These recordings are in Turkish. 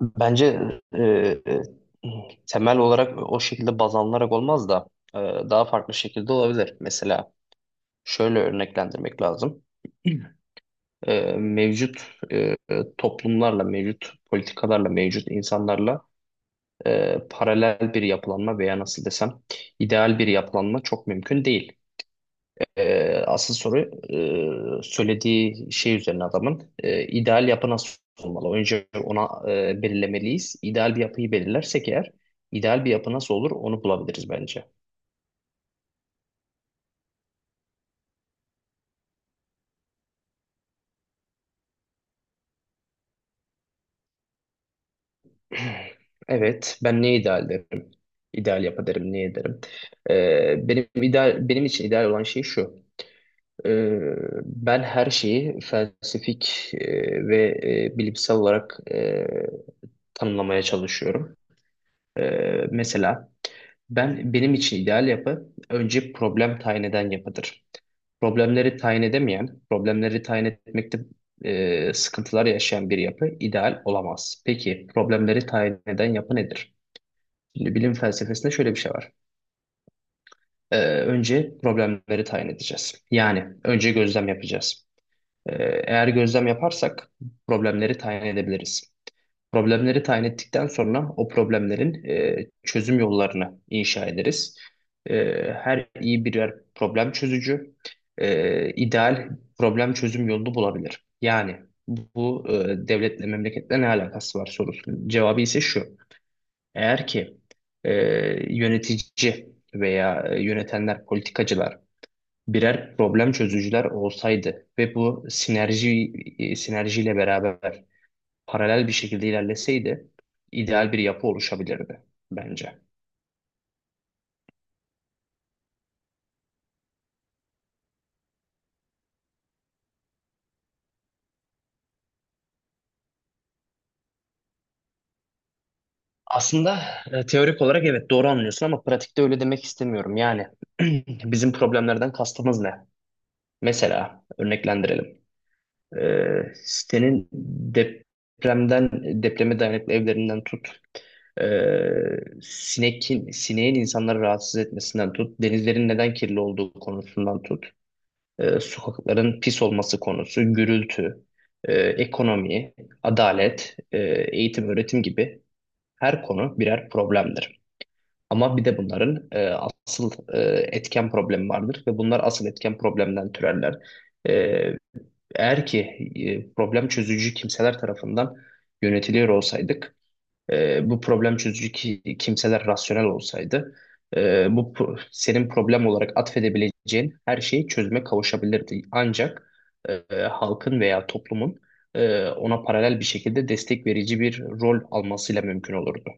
Bence e, temel olarak o şekilde baz alınarak olmaz da e, daha farklı şekilde olabilir. Mesela şöyle örneklendirmek lazım. Mevcut e, toplumlarla, mevcut politikalarla, mevcut insanlarla paralel bir yapılanma veya nasıl desem ideal bir yapılanma çok mümkün değil. Asıl soru söylediği şey üzerine adamın ideal yapı nasıl olmalı? Önce ona belirlemeliyiz. İdeal bir yapıyı belirlersek eğer ideal bir yapı nasıl olur onu bulabiliriz bence. Evet, ben ne ideal derim? İdeal yapı derim, ne derim? Benim ideal, benim için ideal olan şey şu. Ee, Ben her şeyi felsefik ve bilimsel olarak tanımlamaya çalışıyorum. Mesela ben benim için ideal yapı önce problem tayin eden yapıdır. Problemleri tayin edemeyen, problemleri tayin etmekte sıkıntılar yaşayan bir yapı ideal olamaz. Peki problemleri tayin eden yapı nedir? Şimdi bilim felsefesinde şöyle bir şey var. Önce problemleri tayin edeceğiz. Yani önce gözlem yapacağız. Eğer gözlem yaparsak problemleri tayin edebiliriz. Problemleri tayin ettikten sonra o problemlerin çözüm yollarını inşa ederiz. E, Her iyi birer problem çözücü ideal problem çözüm yolunu bulabilir. Yani bu devletle memleketle ne alakası var sorusunun cevabı ise şu. Eğer ki e, yönetici veya yönetenler, politikacılar birer problem çözücüler olsaydı ve bu sinerji sinerjiyle beraber paralel bir şekilde ilerleseydi ideal bir yapı oluşabilirdi bence. Aslında teorik olarak evet doğru anlıyorsun ama pratikte öyle demek istemiyorum. Yani bizim problemlerden kastımız ne? Mesela örneklendirelim. Sitenin depremden depreme dayanıklı evlerinden tut sineğin insanları rahatsız etmesinden tut denizlerin neden kirli olduğu konusundan tut sokakların pis olması konusu gürültü ekonomi adalet eğitim öğretim gibi her konu birer problemdir. Ama bir de bunların asıl etken problemi vardır ve bunlar asıl etken problemden türerler. Ee, Eğer ki problem çözücü kimseler tarafından yönetiliyor olsaydık, bu problem çözücü kimseler rasyonel olsaydı, bu senin problem olarak atfedebileceğin her şeyi çözüme kavuşabilirdi. Ancak halkın veya toplumun ona paralel bir şekilde destek verici bir rol almasıyla mümkün olurdu.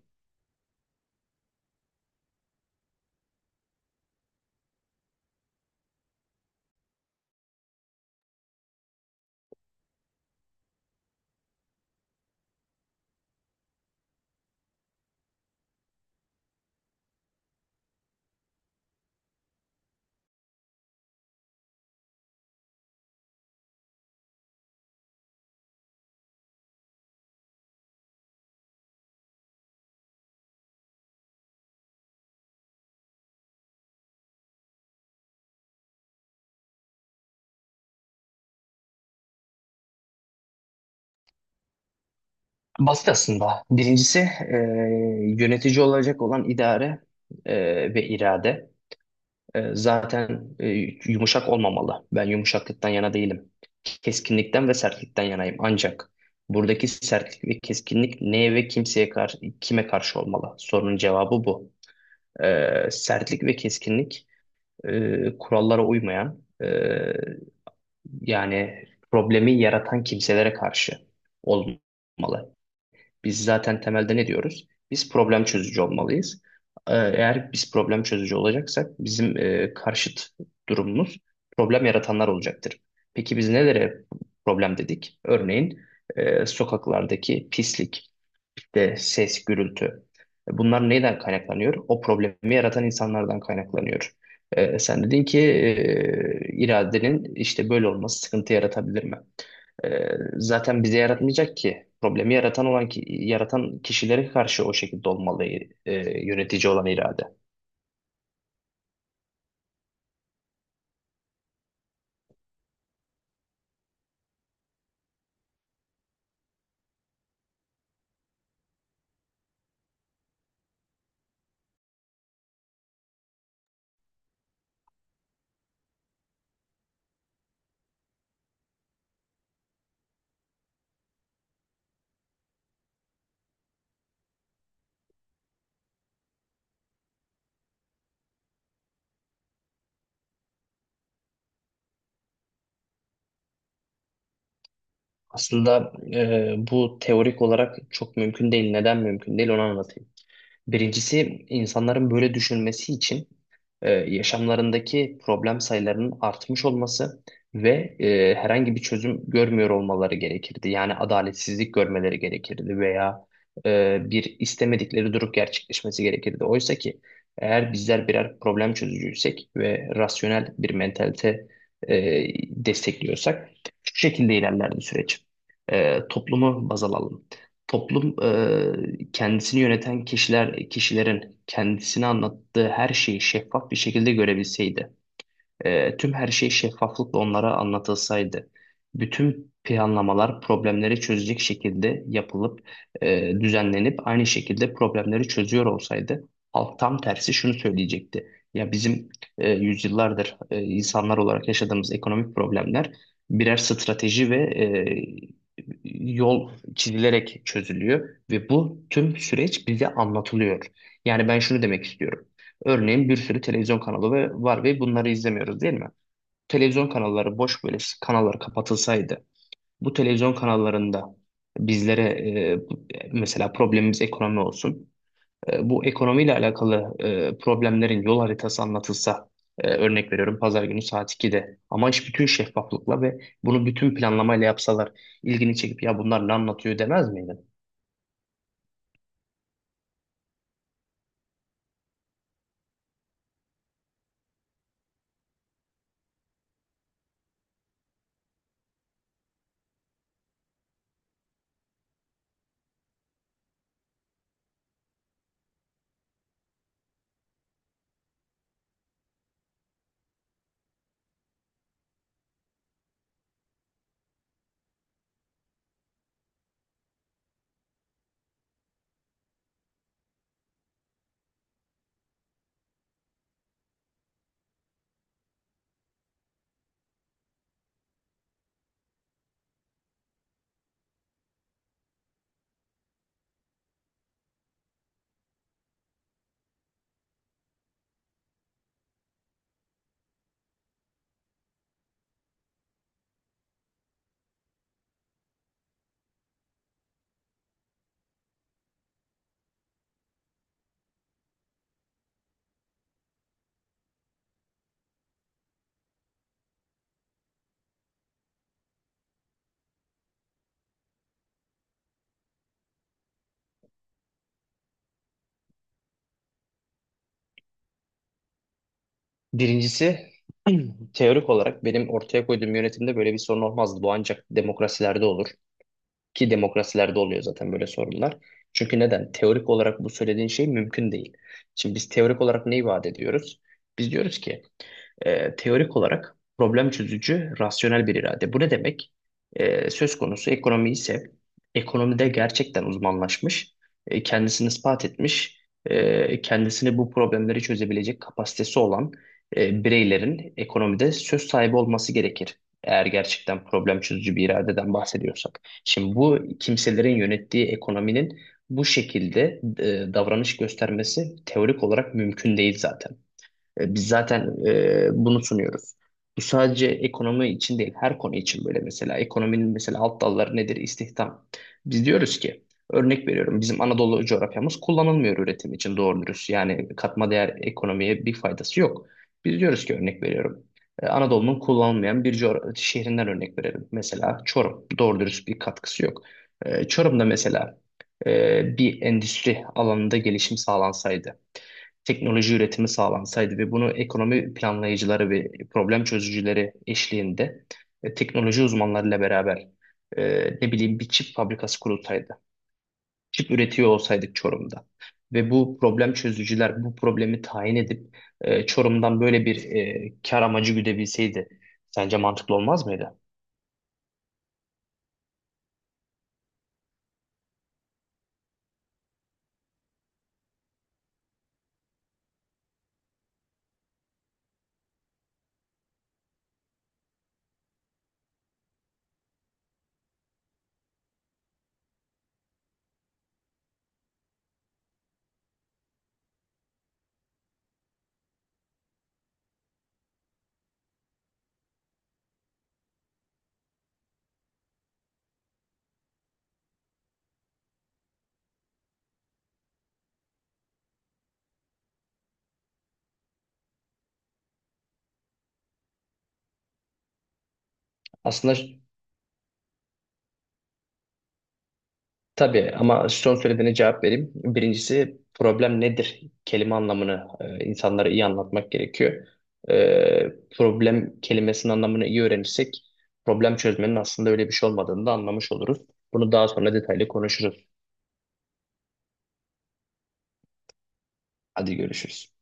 Basit aslında. Birincisi e, yönetici olacak olan idare ve irade. Zaten yumuşak olmamalı. Ben yumuşaklıktan yana değilim. Keskinlikten ve sertlikten yanayım. Ancak buradaki sertlik ve keskinlik neye ve kimseye karşı, kime karşı olmalı? Sorunun cevabı bu. Sertlik ve keskinlik kurallara uymayan yani problemi yaratan kimselere karşı olmalı. Biz zaten temelde ne diyoruz? Biz problem çözücü olmalıyız. Eğer biz problem çözücü olacaksak bizim karşıt durumumuz problem yaratanlar olacaktır. Peki biz nelere problem dedik? Örneğin sokaklardaki pislik, de ses, gürültü. Bunlar neyden kaynaklanıyor? O problemi yaratan insanlardan kaynaklanıyor. Sen dedin ki iradenin işte böyle olması sıkıntı yaratabilir mi? Ee, Zaten bize yaratmayacak ki. Problemi yaratan yaratan kişilere karşı o şekilde olmalı yönetici olan irade. Aslında bu teorik olarak çok mümkün değil. Neden mümkün değil onu anlatayım. Birincisi insanların böyle düşünmesi için yaşamlarındaki problem sayılarının artmış olması ve herhangi bir çözüm görmüyor olmaları gerekirdi. Yani adaletsizlik görmeleri gerekirdi veya bir istemedikleri durum gerçekleşmesi gerekirdi. Oysa ki eğer bizler birer problem çözücüysek ve rasyonel bir mentalite e, destekliyorsak şu şekilde ilerlerdi süreç. Toplumu baz alalım. Toplum kendisini yöneten kişilerin kendisine anlattığı her şeyi şeffaf bir şekilde görebilseydi. Tüm her şey şeffaflıkla onlara anlatılsaydı, bütün planlamalar problemleri çözecek şekilde yapılıp düzenlenip aynı şekilde problemleri çözüyor olsaydı, halk tam tersi şunu söyleyecekti. Ya bizim yüzyıllardır insanlar olarak yaşadığımız ekonomik problemler birer strateji ve yol çizilerek çözülüyor ve bu tüm süreç bize anlatılıyor. Yani ben şunu demek istiyorum. Örneğin bir sürü televizyon kanalı var ve bunları izlemiyoruz değil mi? Televizyon kanalları boş böyle kanallar kapatılsaydı bu televizyon kanallarında bizlere e, bu- mesela problemimiz ekonomi olsun. Bu ekonomiyle alakalı problemlerin yol haritası anlatılsa örnek veriyorum pazar günü saat 2'de ama iş bütün şeffaflıkla ve bunu bütün planlamayla yapsalar ilgini çekip ya bunlar ne anlatıyor demez miydi? Birincisi teorik olarak benim ortaya koyduğum yönetimde böyle bir sorun olmazdı. Bu ancak demokrasilerde olur. Ki demokrasilerde oluyor zaten böyle sorunlar. Çünkü neden? Teorik olarak bu söylediğin şey mümkün değil. Şimdi biz teorik olarak ne vaat ediyoruz? Biz diyoruz ki teorik olarak problem çözücü, rasyonel bir irade. Bu ne demek? Söz konusu ekonomi ise ekonomide gerçekten uzmanlaşmış, kendisini ispat etmiş, kendisini bu problemleri çözebilecek kapasitesi olan bireylerin ekonomide söz sahibi olması gerekir. Eğer gerçekten problem çözücü bir iradeden bahsediyorsak. Şimdi bu kimselerin yönettiği ekonominin bu şekilde davranış göstermesi teorik olarak mümkün değil zaten. Biz zaten bunu sunuyoruz. Bu sadece ekonomi için değil, her konu için böyle mesela. Ekonominin mesela alt dalları nedir? İstihdam. Biz diyoruz ki, örnek veriyorum bizim Anadolu coğrafyamız kullanılmıyor üretim için doğru dürüst. Yani katma değer ekonomiye bir faydası yok. Biz diyoruz ki örnek veriyorum. Anadolu'nun kullanılmayan bir şehrinden örnek verelim. Mesela Çorum. Doğru dürüst bir katkısı yok. Çorum'da mesela bir endüstri alanında gelişim sağlansaydı teknoloji üretimi sağlansaydı ve bunu ekonomi planlayıcıları ve problem çözücüleri eşliğinde teknoloji uzmanlarıyla beraber ne bileyim bir çip fabrikası kurulsaydı, çip üretiyor olsaydık Çorum'da ve bu problem çözücüler bu problemi tayin edip Çorum'dan böyle bir kar amacı güdebilseydi sence mantıklı olmaz mıydı? Aslında tabii, ama son söylediğine cevap vereyim. Birincisi problem nedir? Kelime anlamını insanlara iyi anlatmak gerekiyor. E, Problem kelimesinin anlamını iyi öğrenirsek problem çözmenin aslında öyle bir şey olmadığını da anlamış oluruz. Bunu daha sonra detaylı konuşuruz. Hadi görüşürüz.